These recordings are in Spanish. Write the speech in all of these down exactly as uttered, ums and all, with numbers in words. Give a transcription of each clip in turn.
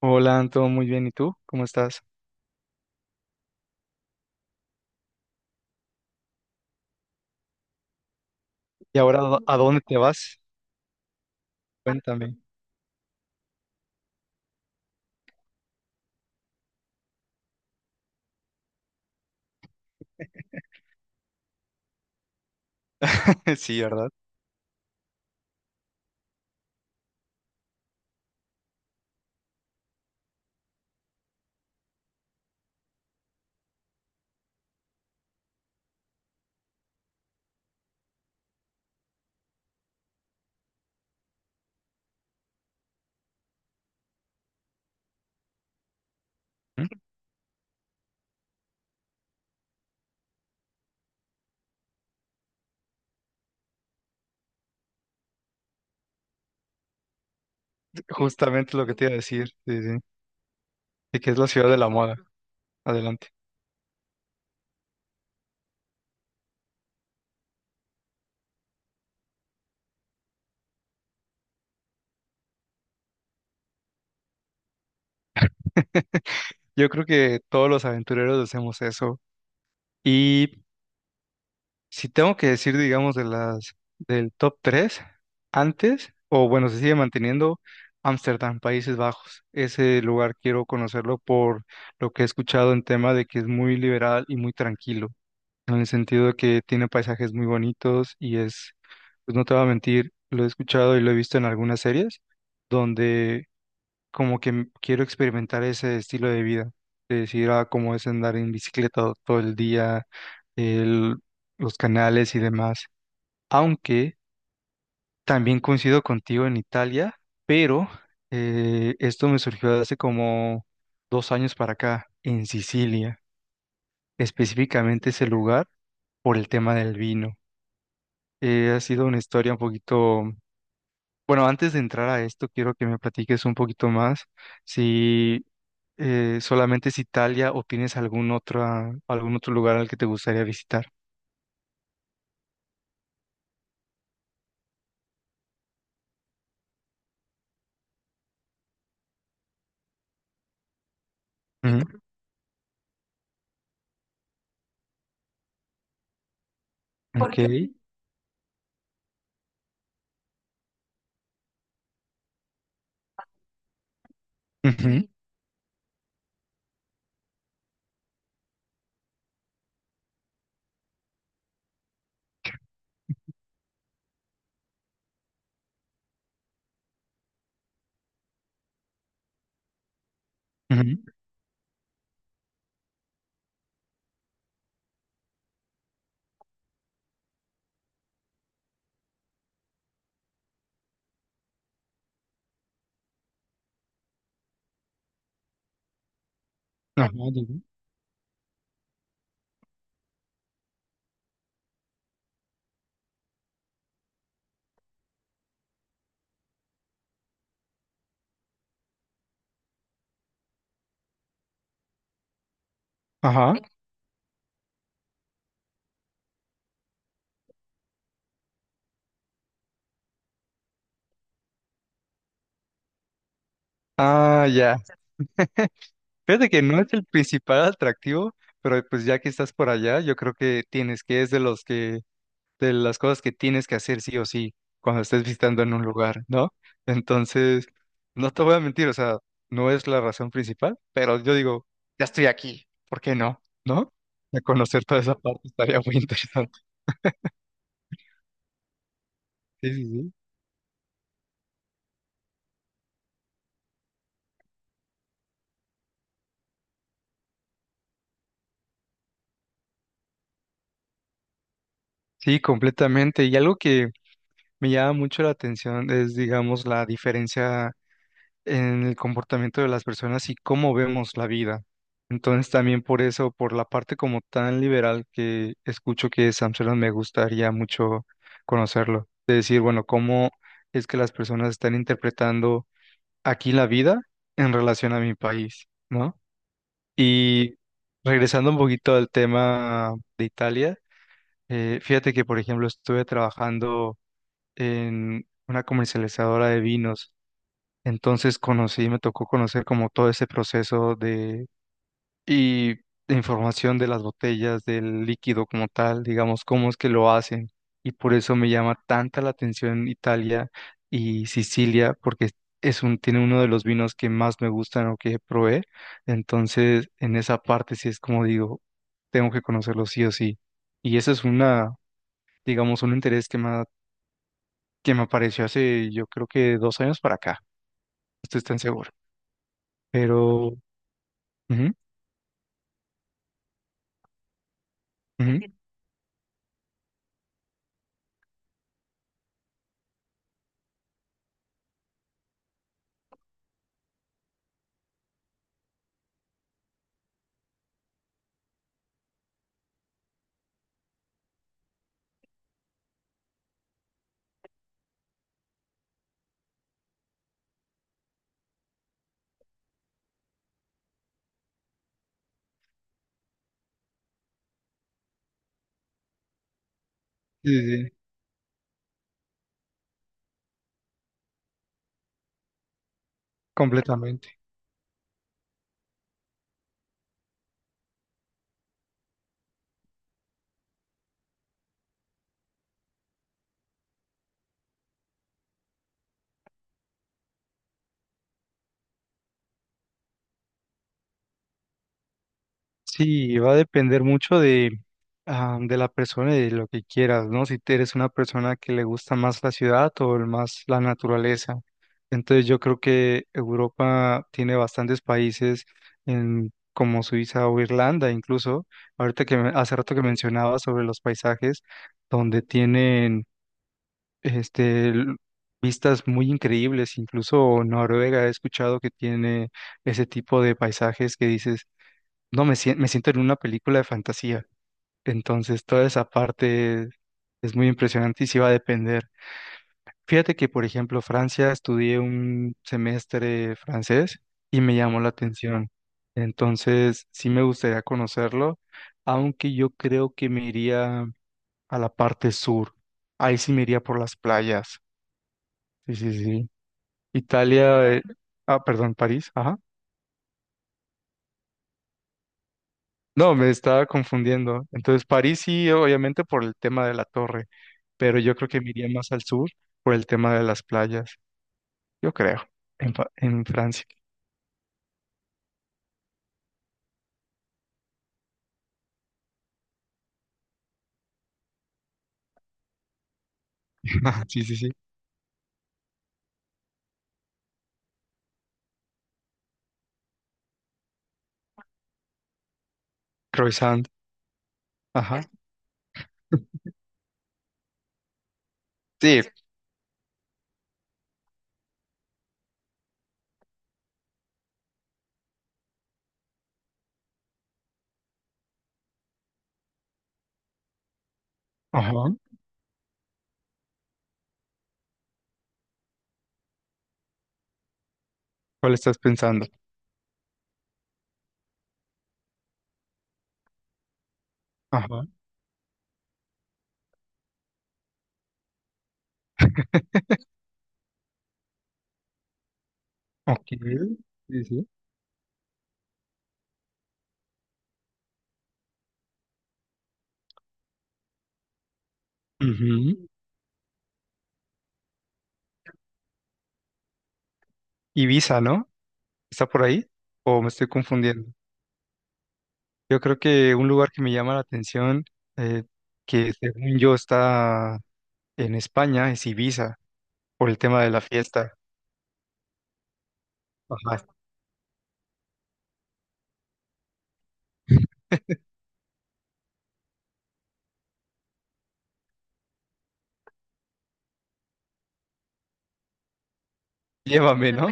Hola, Anto, muy bien. ¿Y tú? ¿Cómo estás? ¿Y ahora a dó- a dónde te vas? Cuéntame. Sí, ¿verdad? ¿Mm? Justamente lo que te iba a decir, sí, sí, de que es la ciudad de la moda. Adelante. Yo creo que todos los aventureros hacemos eso. Y si tengo que decir, digamos, de las del top tres, antes, o bueno, se sigue manteniendo Ámsterdam, Países Bajos. Ese lugar quiero conocerlo por lo que he escuchado en tema de que es muy liberal y muy tranquilo, en el sentido de que tiene paisajes muy bonitos y es, pues no te voy a mentir, lo he escuchado y lo he visto en algunas series donde como que m- quiero experimentar ese estilo de vida, de decir, ah, cómo es andar en bicicleta to- todo el día, el- los canales y demás. Aunque también coincido contigo en Italia, pero eh, esto me surgió hace como dos años para acá, en Sicilia, específicamente ese lugar por el tema del vino. Eh, ha sido una historia un poquito... Bueno, antes de entrar a esto, quiero que me platiques un poquito más si eh, solamente es Italia o tienes algún otro, ah, algún otro lugar al que te gustaría visitar. Ujú, ok. Ujú, ujú. Ajá, digo. Ajá. Ah, ya. Fíjate que no es el principal atractivo, pero pues ya que estás por allá, yo creo que tienes que es de los que de las cosas que tienes que hacer sí o sí cuando estés visitando en un lugar, ¿no? Entonces, no te voy a mentir, o sea, no es la razón principal, pero yo digo, ya estoy aquí, ¿por qué no? ¿No? De conocer toda esa parte estaría muy interesante. Sí, sí, sí. Sí, completamente. Y algo que me llama mucho la atención es, digamos, la diferencia en el comportamiento de las personas y cómo vemos la vida. Entonces también por eso, por la parte como tan liberal que escucho que es Amsterdam, me gustaría mucho conocerlo. De decir, bueno, cómo es que las personas están interpretando aquí la vida en relación a mi país, ¿no? Y regresando un poquito al tema de Italia, eh, fíjate que, por ejemplo, estuve trabajando en una comercializadora de vinos, entonces conocí, me tocó conocer como todo ese proceso de y de información de las botellas, del líquido como tal, digamos, cómo es que lo hacen. Y por eso me llama tanta la atención Italia y Sicilia, porque es un, tiene uno de los vinos que más me gustan o que probé. Entonces, en esa parte sí es como digo, tengo que conocerlo sí o sí. Y ese es una, digamos, un interés que me, ha- que me apareció hace, yo creo que dos años para acá. No estoy tan seguro. Pero ujú, ujú. Sí, sí, completamente. Sí, va a depender mucho de, ah, de la persona y de lo que quieras, ¿no? Si te eres una persona que le gusta más la ciudad o el más la naturaleza. Entonces yo creo que Europa tiene bastantes países en, como Suiza o Irlanda incluso. Ahorita que me- hace rato que mencionaba sobre los paisajes, donde tienen este, l- vistas muy increíbles. Incluso Noruega he escuchado que tiene ese tipo de paisajes que dices, no, me, sien- me siento en una película de fantasía. Entonces, toda esa parte es muy impresionante y sí va a depender. Fíjate que, por ejemplo, Francia, estudié un semestre francés y me llamó la atención. Entonces, sí me gustaría conocerlo, aunque yo creo que me iría a la parte sur. Ahí sí me iría por las playas. Sí, sí, sí. Italia, eh, ah, perdón, París, ajá. No, me estaba confundiendo. Entonces, París sí, obviamente por el tema de la torre, pero yo creo que me iría más al sur por el tema de las playas, yo creo, en, Fa- en Francia. Sí, sí, sí. Croissant, ajá. Sí, ajá. ¿Cuál estás pensando? Ajá. Ok. Sí, sí. Ujú. Ibiza, ¿no? ¿Está por ahí? ¿O me estoy confundiendo? Yo creo que un lugar que me llama la atención, eh, que según yo está, en España, es Ibiza, por el tema de la fiesta. Ajá. Llévame, ¿no?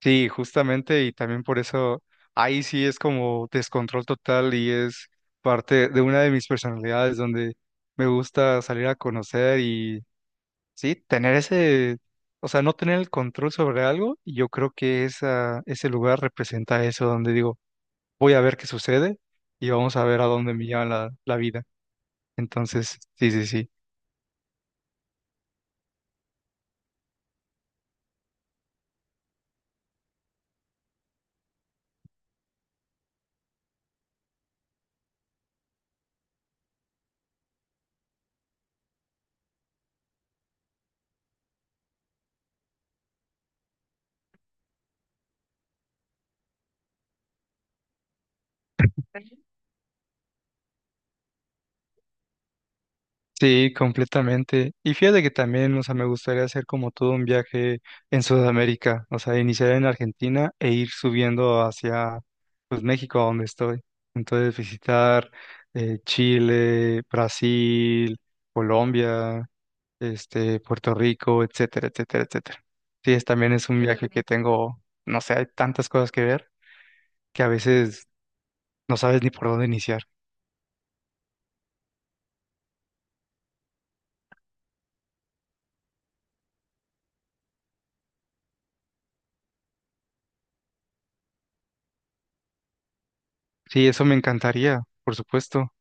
Sí, justamente, y también por eso ahí sí es como descontrol total y es parte de una de mis personalidades donde me gusta salir a conocer y sí, tener ese, o sea, no tener el control sobre algo, y yo creo que esa, ese lugar representa eso, donde digo, voy a ver qué sucede y vamos a ver a dónde me lleva la, la vida. Entonces, sí, sí, sí. Sí, completamente. Y fíjate que también, o sea, me gustaría hacer como todo un viaje en Sudamérica, o sea, iniciar en Argentina e ir subiendo hacia, pues, México, a donde estoy. Entonces, visitar eh, Chile, Brasil, Colombia, este, Puerto Rico, etcétera, etcétera, etcétera. Sí, es, también es un viaje que tengo, no sé, hay tantas cosas que ver que a veces no sabes ni por dónde iniciar. Sí, eso me encantaría, por supuesto.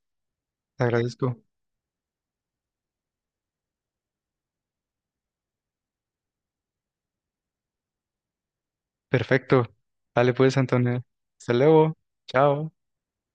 Te agradezco. Perfecto. Dale pues, Antonio. Hasta luego. Chao.